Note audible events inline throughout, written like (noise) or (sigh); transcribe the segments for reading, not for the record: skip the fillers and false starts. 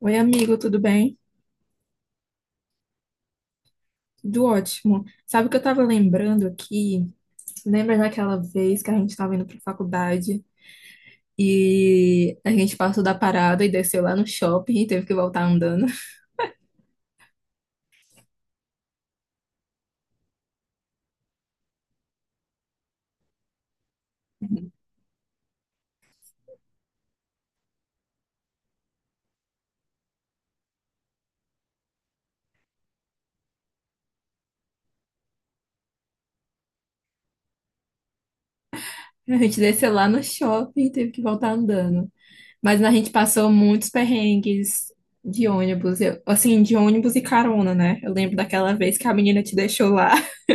Oi, amigo, tudo bem? Tudo ótimo. Sabe o que eu tava lembrando aqui? Lembra daquela vez que a gente tava indo pra faculdade e a gente passou da parada e desceu lá no shopping e teve que voltar andando? (laughs) A gente desceu lá no shopping e teve que voltar andando. Mas a gente passou muitos perrengues de ônibus, assim, de ônibus e carona, né? Eu lembro daquela vez que a menina te deixou lá. (laughs)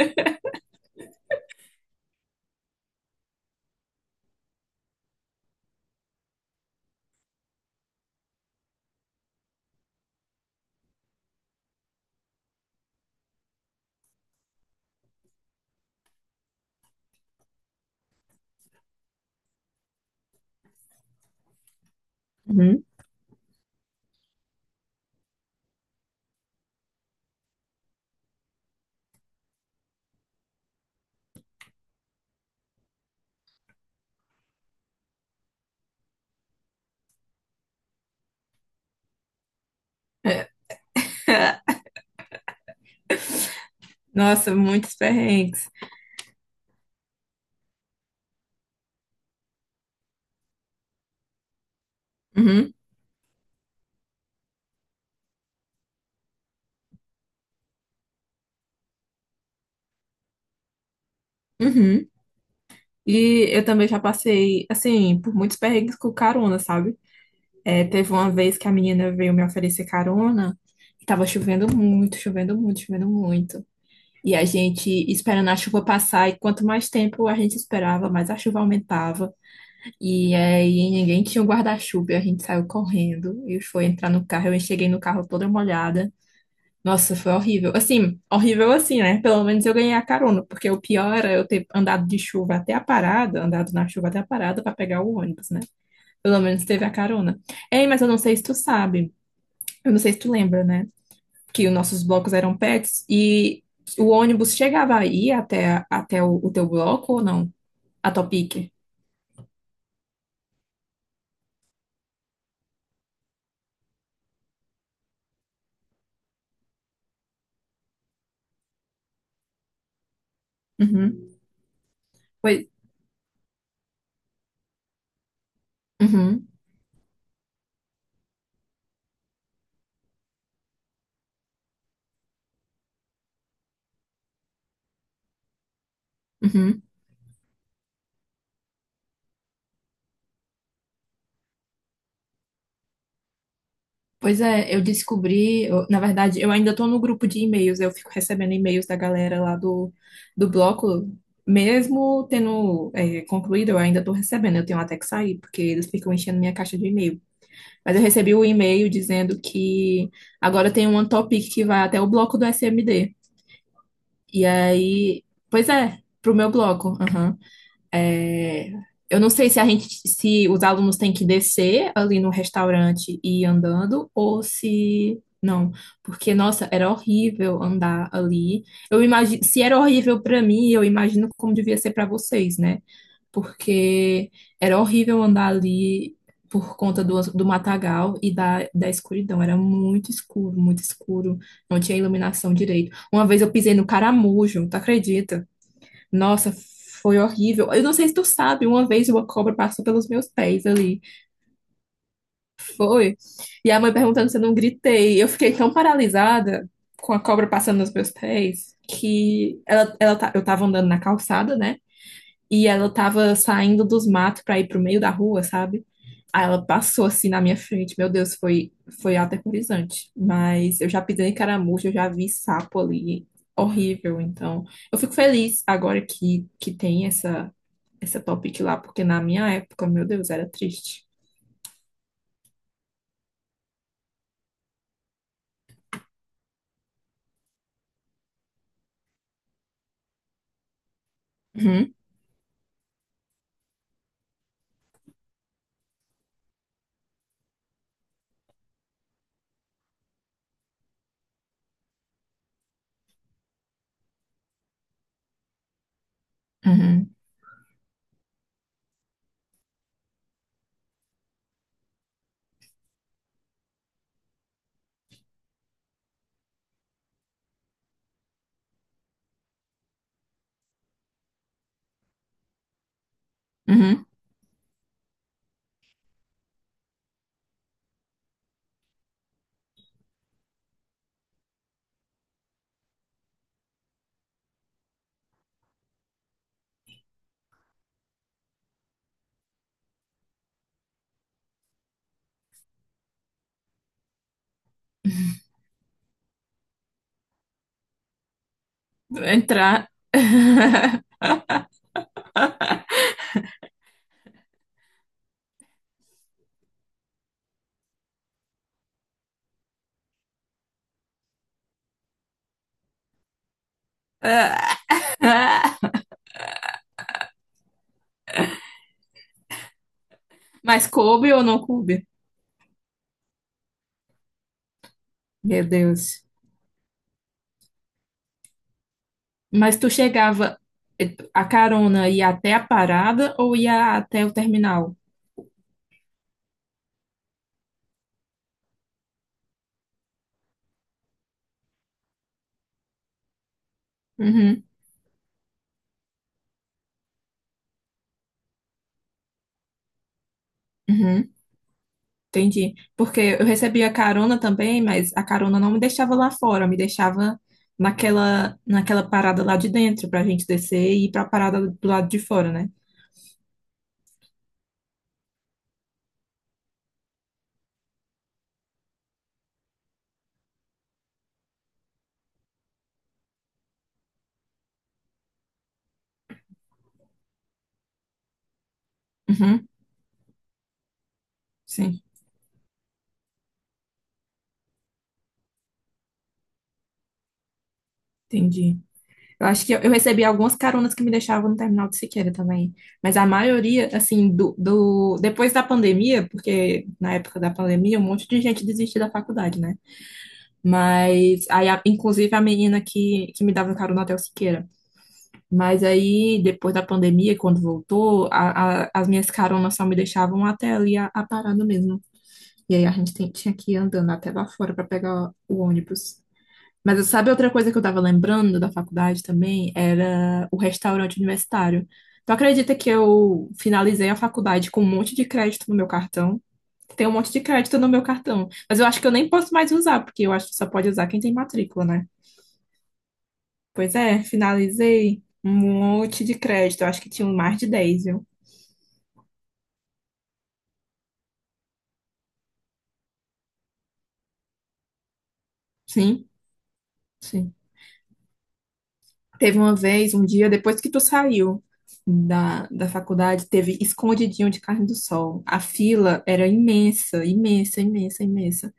Uhum. É, nossa, muitos perrengues. Uhum. Uhum. E eu também já passei, assim, por muitos perrengues com carona, sabe? É, teve uma vez que a menina veio me oferecer carona e tava chovendo muito, chovendo muito, chovendo muito. E a gente esperando a chuva passar, e quanto mais tempo a gente esperava, mais a chuva aumentava. E aí ninguém tinha um guarda-chuva, e a gente saiu correndo. E foi entrar no carro, eu cheguei no carro toda molhada. Nossa, foi horrível. Assim, horrível assim, né? Pelo menos eu ganhei a carona, porque o pior era eu ter andado de chuva até a parada, andado na chuva até a parada para pegar o ônibus, né? Pelo menos teve a carona. Ei, mas eu não sei se tu sabe, eu não sei se tu lembra, né? Que os nossos blocos eram pets e o ônibus chegava aí até o teu bloco ou não? A tua pique. Uhum. Pois, uhum, uhum. Pois é, eu descobri, na verdade, eu ainda tô no grupo de e-mails, eu fico recebendo e-mails da galera lá do bloco, mesmo tendo concluído, eu ainda tô recebendo, eu tenho até que sair, porque eles ficam enchendo minha caixa de e-mail. Mas eu recebi o e-mail dizendo que agora tem um topic que vai até o bloco do SMD. E aí, pois é, pro meu bloco, é, eu não sei se a gente, se os alunos têm que descer ali no restaurante e ir andando, ou se não, porque nossa, era horrível andar ali. Eu imagino, se era horrível para mim, eu imagino como devia ser para vocês, né? Porque era horrível andar ali por conta do matagal e da escuridão. Era muito escuro, muito escuro. Não tinha iluminação direito. Uma vez eu pisei no caramujo, tu acredita? Nossa, foi horrível. Eu não sei se tu sabe, uma vez uma cobra passou pelos meus pés ali. Foi. E a mãe perguntando se eu não gritei. Eu fiquei tão paralisada com a cobra passando nos meus pés que eu tava andando na calçada, né? E ela tava saindo dos matos pra ir pro meio da rua, sabe? Aí ela passou assim na minha frente. Meu Deus, foi aterrorizante. Mas eu já pisei em caramujo, eu já vi sapo ali. Horrível, então. Eu fico feliz agora que tem essa topic lá, porque na minha época, meu Deus, era triste. Uhum, uhum, uhum. Entrar. (laughs) Mas coube ou não coube? Meu Deus. Mas tu chegava, a carona ia até a parada ou ia até o terminal? Uhum, uhum. Entendi. Porque eu recebia carona também, mas a carona não me deixava lá fora, me deixava naquela parada lá de dentro, pra gente descer e ir pra parada do lado de fora, né? Uhum, sim. Entendi. Eu acho que eu recebi algumas caronas que me deixavam no terminal de Siqueira também. Mas a maioria, assim, do depois da pandemia, porque na época da pandemia um monte de gente desistiu da faculdade, né? Mas aí, inclusive a menina que me dava carona até o Siqueira. Mas aí, depois da pandemia, quando voltou, as minhas caronas só me deixavam até ali a parada mesmo. E aí a gente tinha que ir andando até lá fora para pegar o ônibus. Mas sabe outra coisa que eu tava lembrando da faculdade também? Era o restaurante universitário. Tu acredita que eu finalizei a faculdade com um monte de crédito no meu cartão? Tem um monte de crédito no meu cartão. Mas eu acho que eu nem posso mais usar, porque eu acho que só pode usar quem tem matrícula, né? Pois é, finalizei um monte de crédito. Eu acho que tinha um mais de 10, viu? Sim, sim. Teve uma vez, um dia depois que tu saiu da faculdade, teve escondidinho de carne do sol. A fila era imensa, imensa, imensa, imensa.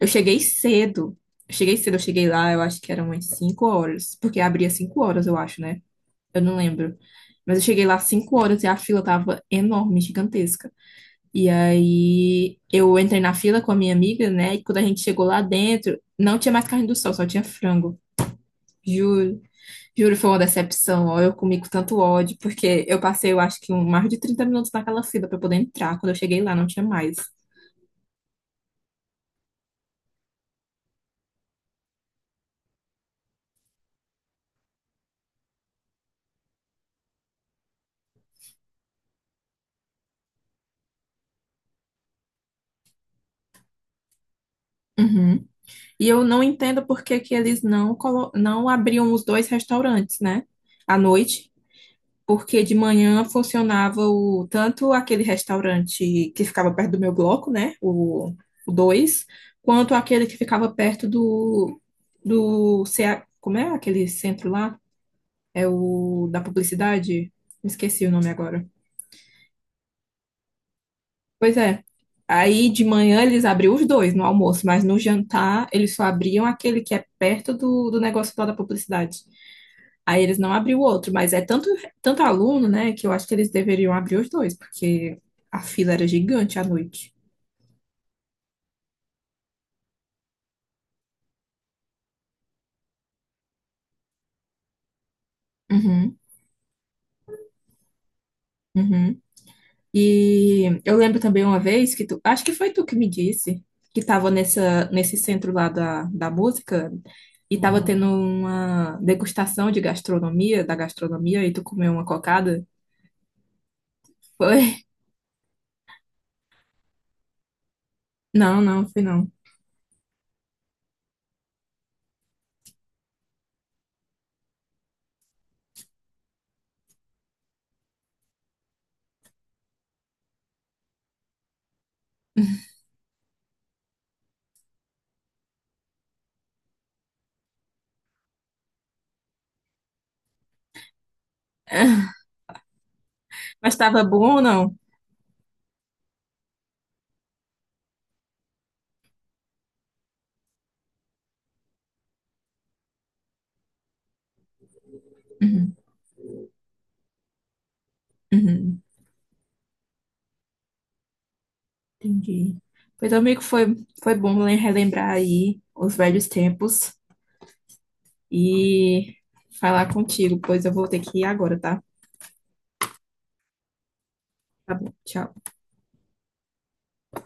Eu cheguei cedo. Eu cheguei cedo, eu cheguei lá, eu acho que eram umas 5h, porque abria 5h, eu acho, né? Eu não lembro. Mas eu cheguei lá 5h e a fila tava enorme, gigantesca. E aí eu entrei na fila com a minha amiga, né? E quando a gente chegou lá dentro, não tinha mais carne do sol, só tinha frango. Juro. Juro, foi uma decepção, ó, eu comi com tanto ódio, porque eu passei, eu acho que um, mais de 30 minutos naquela fila para poder entrar. Quando eu cheguei lá, não tinha mais. Uhum. E eu não entendo por que que eles não, não abriam os dois restaurantes, né? À noite, porque de manhã funcionava tanto aquele restaurante que ficava perto do meu bloco, né? O 2, quanto aquele que ficava perto do CA, como é aquele centro lá? É o da publicidade? Me esqueci o nome agora. Pois é. Aí de manhã eles abriam os dois no almoço, mas no jantar eles só abriam aquele que é perto do negócio lá da publicidade. Aí eles não abriam o outro, mas é tanto, tanto aluno, né, que eu acho que eles deveriam abrir os dois, porque a fila era gigante à noite. Uhum, uhum. E eu lembro também uma vez que tu, acho que foi tu que me disse, que tava nessa, nesse centro lá da música e tava tendo uma degustação de gastronomia, da gastronomia, e tu comeu uma cocada. Foi? Não, não, foi não. (laughs) Mas tava bom ou não? Uhum, uhum, entendi. Pois, amigo, foi bom relembrar aí os velhos tempos e falar contigo, pois eu vou ter que ir agora, tá? Tá bom, tchau.